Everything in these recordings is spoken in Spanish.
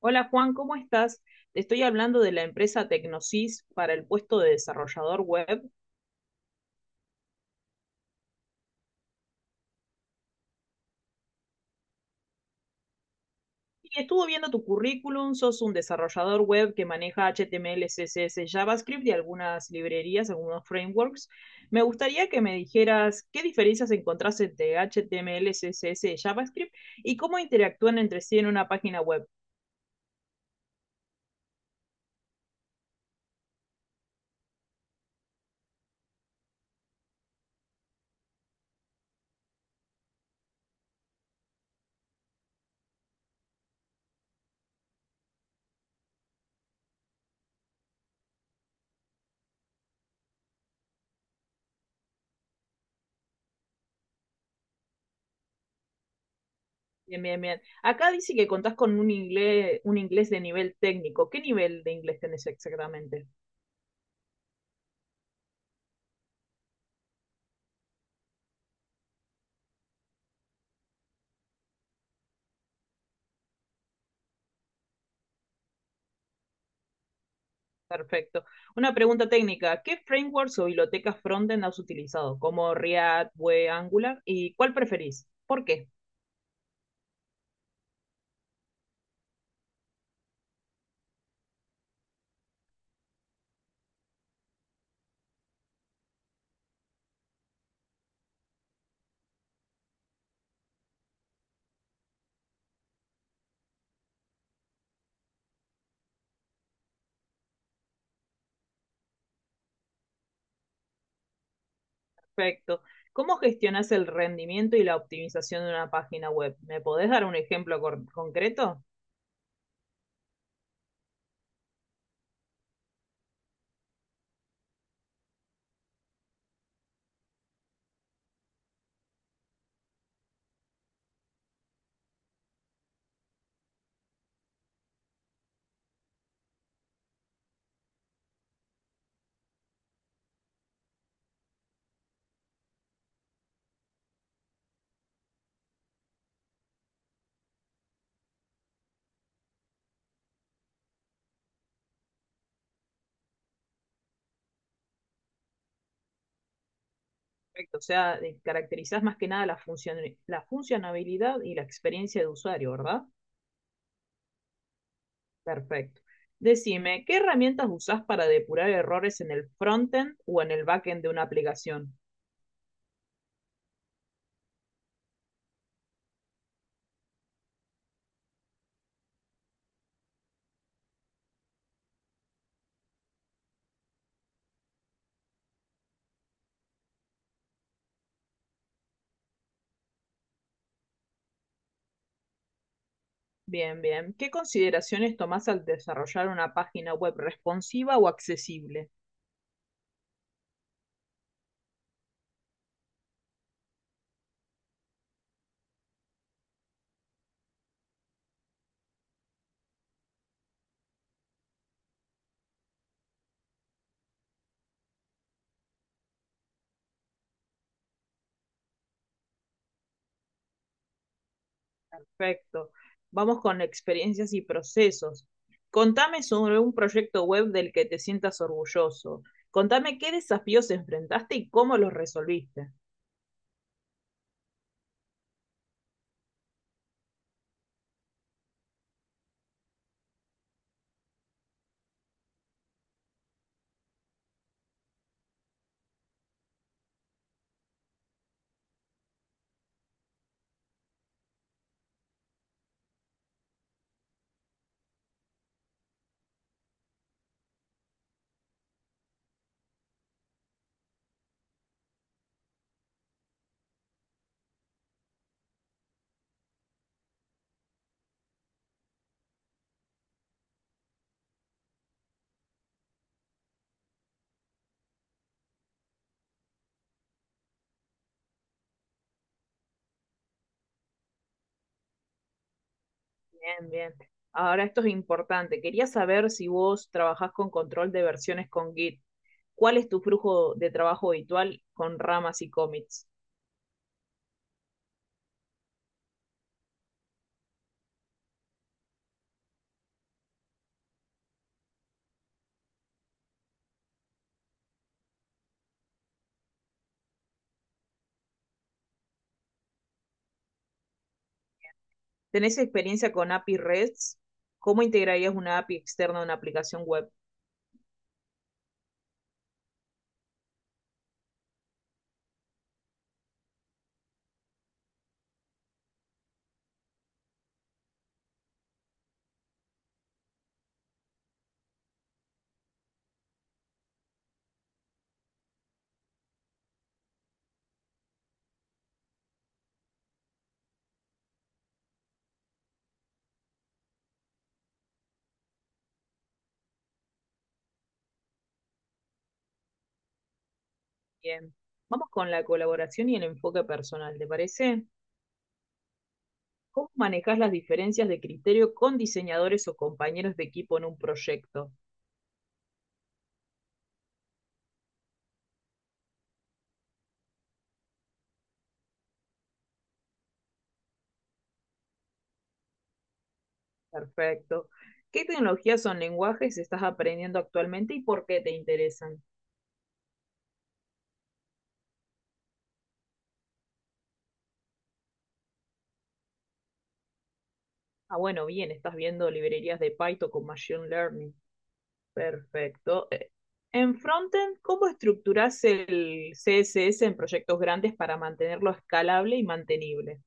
Hola Juan, ¿cómo estás? Te estoy hablando de la empresa Tecnosys para el puesto de desarrollador web. Y estuve viendo tu currículum, sos un desarrollador web que maneja HTML, CSS, JavaScript y algunas librerías, algunos frameworks. Me gustaría que me dijeras qué diferencias encontrás entre HTML, CSS y JavaScript y cómo interactúan entre sí en una página web. Bien, bien, bien. Acá dice que contás con un inglés de nivel técnico. ¿Qué nivel de inglés tenés exactamente? Perfecto. Una pregunta técnica. ¿Qué frameworks o bibliotecas frontend has utilizado? Como React, Vue, Angular. ¿Y cuál preferís? ¿Por qué? Perfecto. ¿Cómo gestionas el rendimiento y la optimización de una página web? ¿Me podés dar un ejemplo cor- concreto? Perfecto. O sea, de- caracterizás más que nada la función, la funcionalidad y la experiencia de usuario, ¿verdad? Perfecto. Decime, ¿qué herramientas usás para depurar errores en el frontend o en el backend de una aplicación? Bien, bien. ¿Qué consideraciones tomás al desarrollar una página web responsiva o accesible? Perfecto. Vamos con experiencias y procesos. Contame sobre un proyecto web del que te sientas orgulloso. Contame qué desafíos enfrentaste y cómo los resolviste. Bien, bien. Ahora esto es importante. Quería saber si vos trabajás con control de versiones con Git. ¿Cuál es tu flujo de trabajo habitual con ramas y commits? ¿Tenés experiencia con API REST? ¿Cómo integrarías una API externa a una aplicación web? Bien. Vamos con la colaboración y el enfoque personal, ¿te parece? ¿Cómo manejas las diferencias de criterio con diseñadores o compañeros de equipo en un proyecto? Perfecto. ¿Qué tecnologías o lenguajes estás aprendiendo actualmente y por qué te interesan? Ah, bueno, bien, estás viendo librerías de Python con Machine Learning. Perfecto. En frontend, ¿cómo estructurás el CSS en proyectos grandes para mantenerlo escalable y mantenible?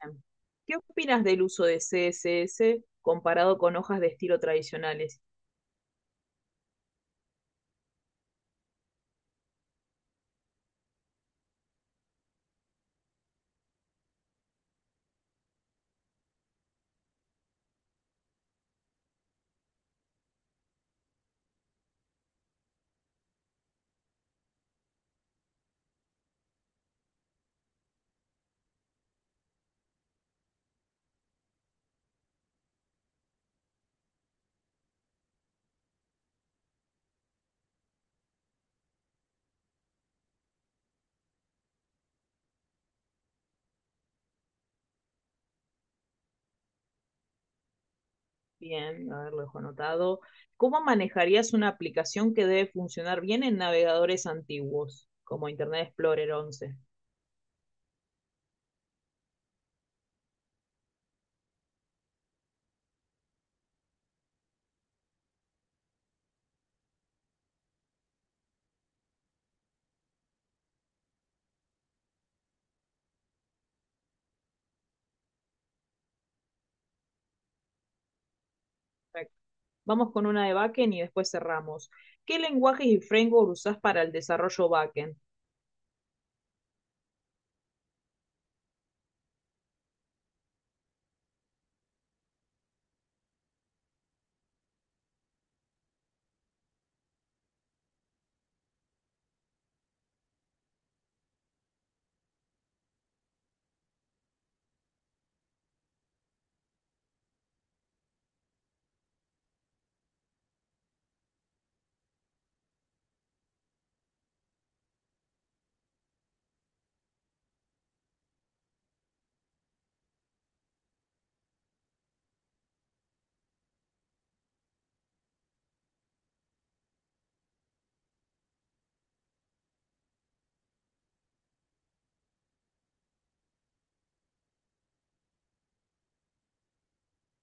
Bien. ¿Qué opinas del uso de CSS comparado con hojas de estilo tradicionales? Bien, a ver, lo dejo anotado. ¿Cómo manejarías una aplicación que debe funcionar bien en navegadores antiguos, como Internet Explorer 11? Vamos con una de backend y después cerramos. ¿Qué lenguajes y framework usás para el desarrollo backend?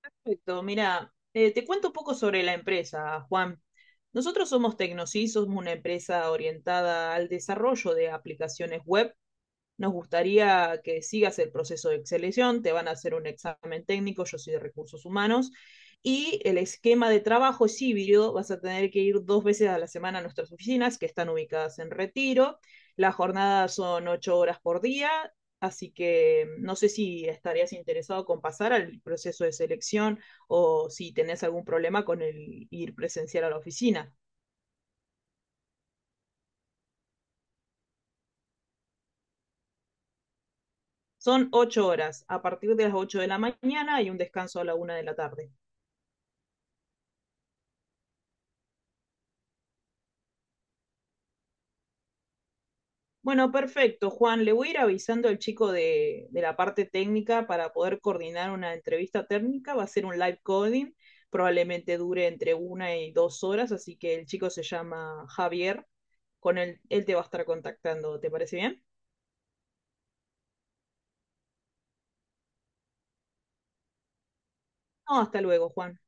Perfecto, mira, te cuento un poco sobre la empresa, Juan. Nosotros somos Tecnosys, somos una empresa orientada al desarrollo de aplicaciones web, nos gustaría que sigas el proceso de selección. Te van a hacer un examen técnico, yo soy de recursos humanos, y el esquema de trabajo es híbrido. Vas a tener que ir 2 veces a la semana a nuestras oficinas que están ubicadas en retiro. Las jornadas son 8 horas por día, así que no sé si estarías interesado con pasar al proceso de selección o si tenés algún problema con el ir presencial a la oficina. Son ocho horas, a partir de las 8 de la mañana y un descanso a la 1 de la tarde. Bueno, perfecto, Juan. Le voy a ir avisando al chico de la parte técnica para poder coordinar una entrevista técnica. Va a ser un live coding, probablemente dure entre 1 y 2 horas, así que el chico se llama Javier. Con él, él te va a estar contactando. ¿Te parece bien? No, hasta luego, Juan.